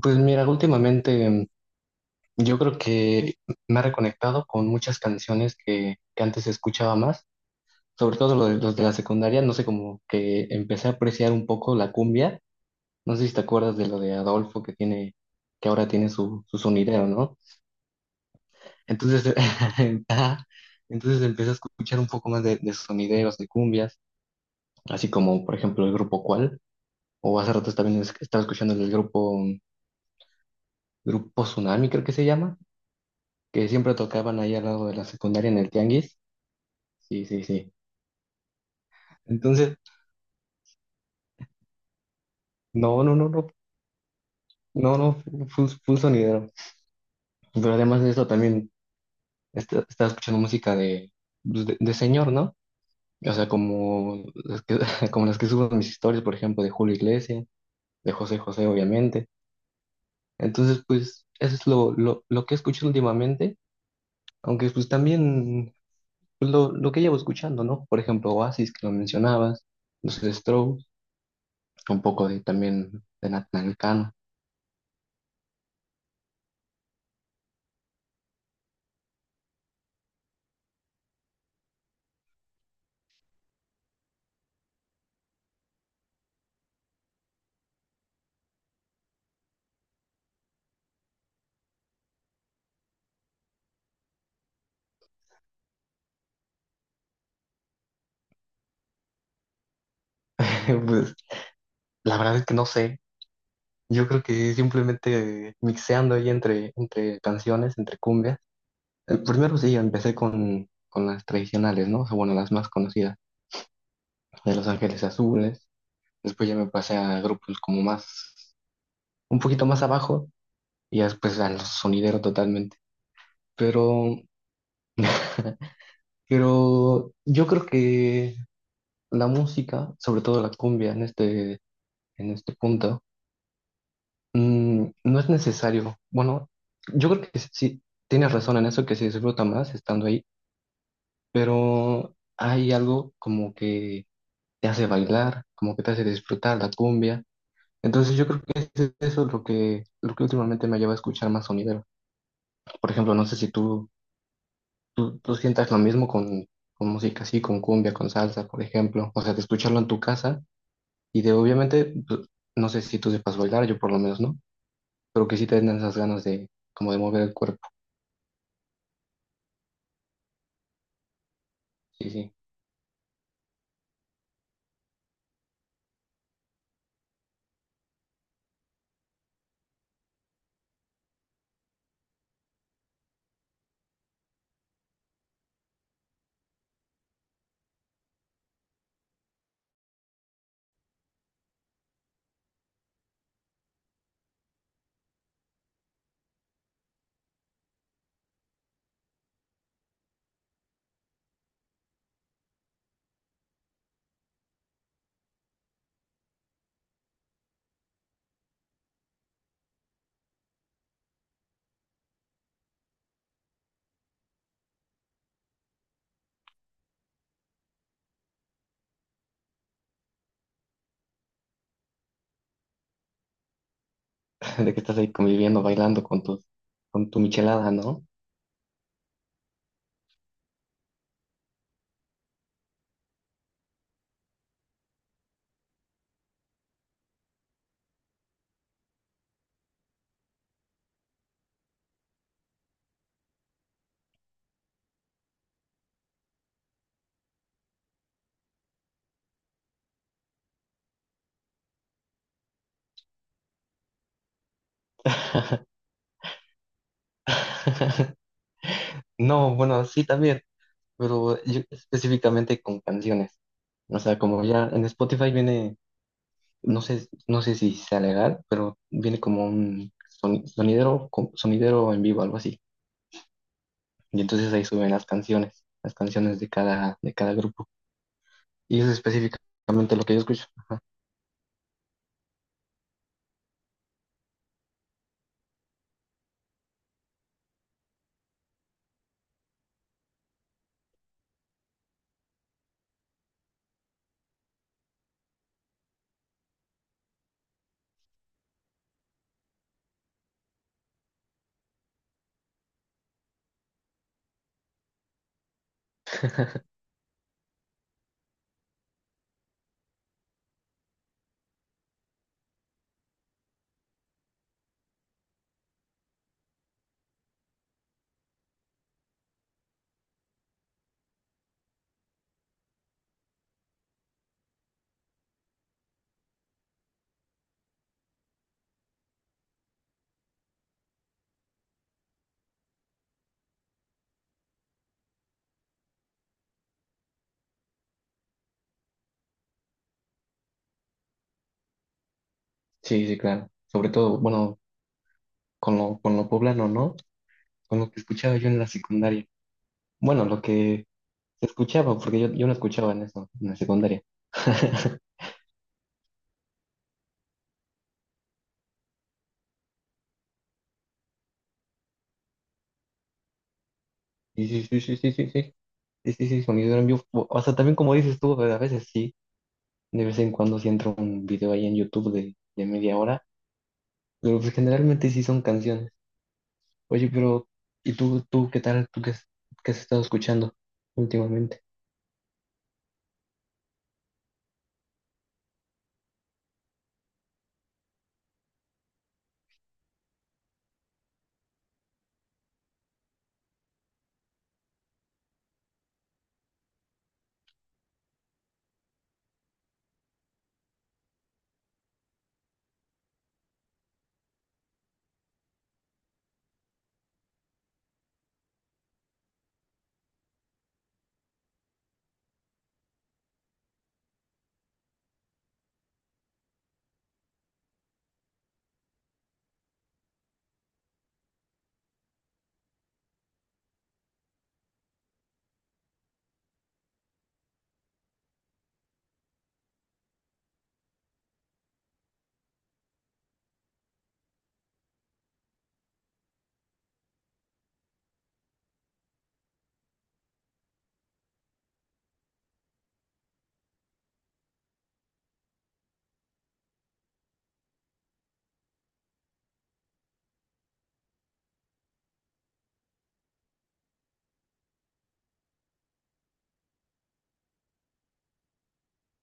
Pues mira, últimamente yo creo que me ha reconectado con muchas canciones que antes escuchaba más, sobre todo los de la secundaria, no sé, como que empecé a apreciar un poco la cumbia, no sé si te acuerdas de lo de Adolfo que tiene, que ahora tiene su sonidero, ¿no? Entonces, ajá, entonces empecé a escuchar un poco más de sonideros, de cumbias, así como por ejemplo el grupo Cual, o hace rato también estaba escuchando el del grupo, grupo Tsunami creo que se llama que siempre tocaban ahí al lado de la secundaria en el tianguis. Sí, sí, sí. Entonces, no, no, no, no, no, no, full, full sonidero. Pero además de eso también estaba escuchando música de, pues, de señor, ¿no? O sea, como las que, como las que subo en mis historias, por ejemplo, de Julio Iglesias, de José José, obviamente. Entonces, pues, eso es lo que he escuchado últimamente, aunque pues también pues, lo que llevo escuchando, ¿no? Por ejemplo, Oasis, que lo mencionabas, los Strokes. Un poco de también de Natnalcano. Pues la verdad es que no sé. Yo creo que simplemente mixeando ahí entre canciones, entre cumbias. El primero sí, empecé con las tradicionales, ¿no? O sea, bueno, las más conocidas, de Los Ángeles Azules. Después ya me pasé a grupos como más, un poquito más abajo, y ya después a los sonideros totalmente. Pero, pero yo creo que la música, sobre todo la cumbia en este punto, no es necesario. Bueno, yo creo que sí, tienes razón en eso, que se disfruta más estando ahí, pero hay algo como que te hace bailar, como que te hace disfrutar la cumbia. Entonces yo creo que eso es lo que últimamente me lleva a escuchar más sonidero. Por ejemplo, no sé si tú, tú, tú sientas lo mismo con música así, con cumbia, con salsa, por ejemplo. O sea, de escucharlo en tu casa y de obviamente, pues, no sé si tú sepas bailar, yo por lo menos no, pero que sí te den esas ganas de como de mover el cuerpo. Sí, sí, de que estás ahí conviviendo, bailando con con tu michelada, ¿no? No, bueno, sí también, pero yo específicamente con canciones. O sea, como ya en Spotify viene, no sé, no sé si sea legal, pero viene como un sonidero, sonidero en vivo, algo así. Y entonces ahí suben las canciones de de cada grupo. Y eso es específicamente lo que yo escucho. Ajá. Sí, sí, claro. Sobre todo, bueno, con con lo poblano, ¿no? Con lo que escuchaba yo en la secundaria. Bueno, lo que se escuchaba, porque yo no escuchaba en eso, en la secundaria. Sí, sí, sí, sí, sí, sí, sí. Sí, sí, sí, sonido en vivo. O sea, también como dices tú, a veces sí, de vez en cuando sí entra un video ahí en YouTube de media hora, pero pues generalmente sí son canciones. Oye, pero, ¿y tú qué tal? ¿Tú qué, qué has estado escuchando últimamente?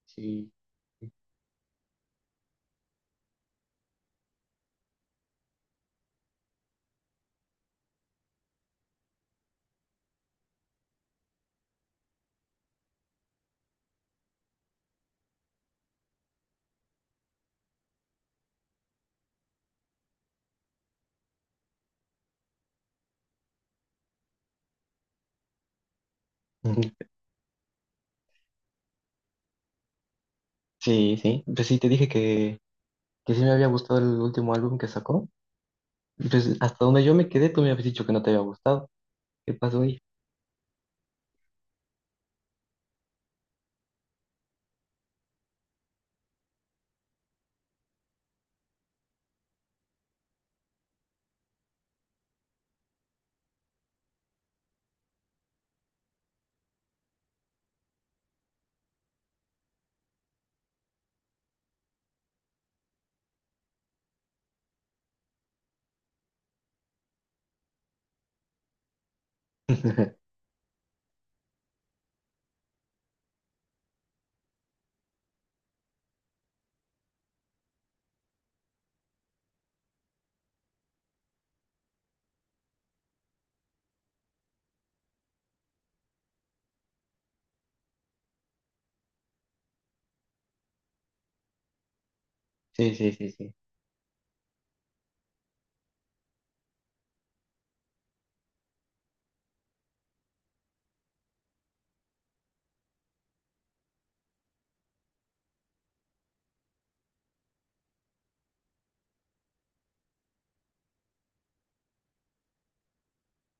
Sí. Ujú. Sí, sí. Pues sí, te dije que sí me había gustado el último álbum que sacó. Pues hasta donde yo me quedé, tú me habías dicho que no te había gustado. ¿Qué pasó ahí? Sí, sí, sí, sí.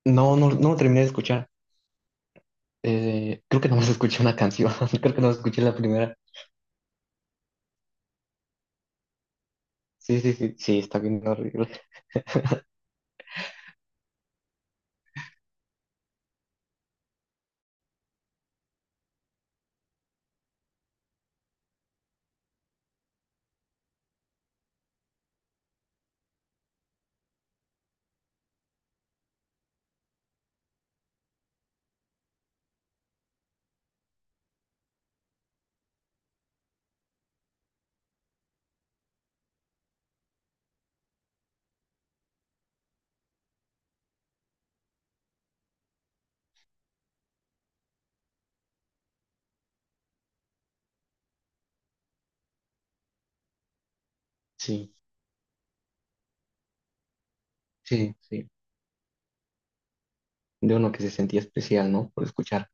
No, no lo terminé de escuchar. Creo que nomás escuché una canción. Creo que no escuché la primera. Sí, sí, sí, sí, está bien horrible. Sí, sí, sí. De uno que se sentía especial, ¿no? Por escuchar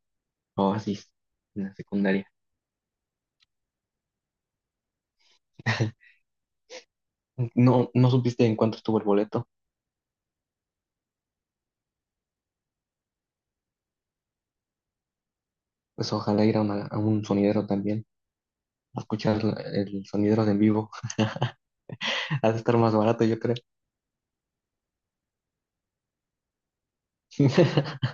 Oasis en la secundaria. No, no supiste en cuánto estuvo el boleto. Pues ojalá ir a, a un sonidero también. A escuchar el sonidero de en vivo. Ha de estar más barato, yo creo.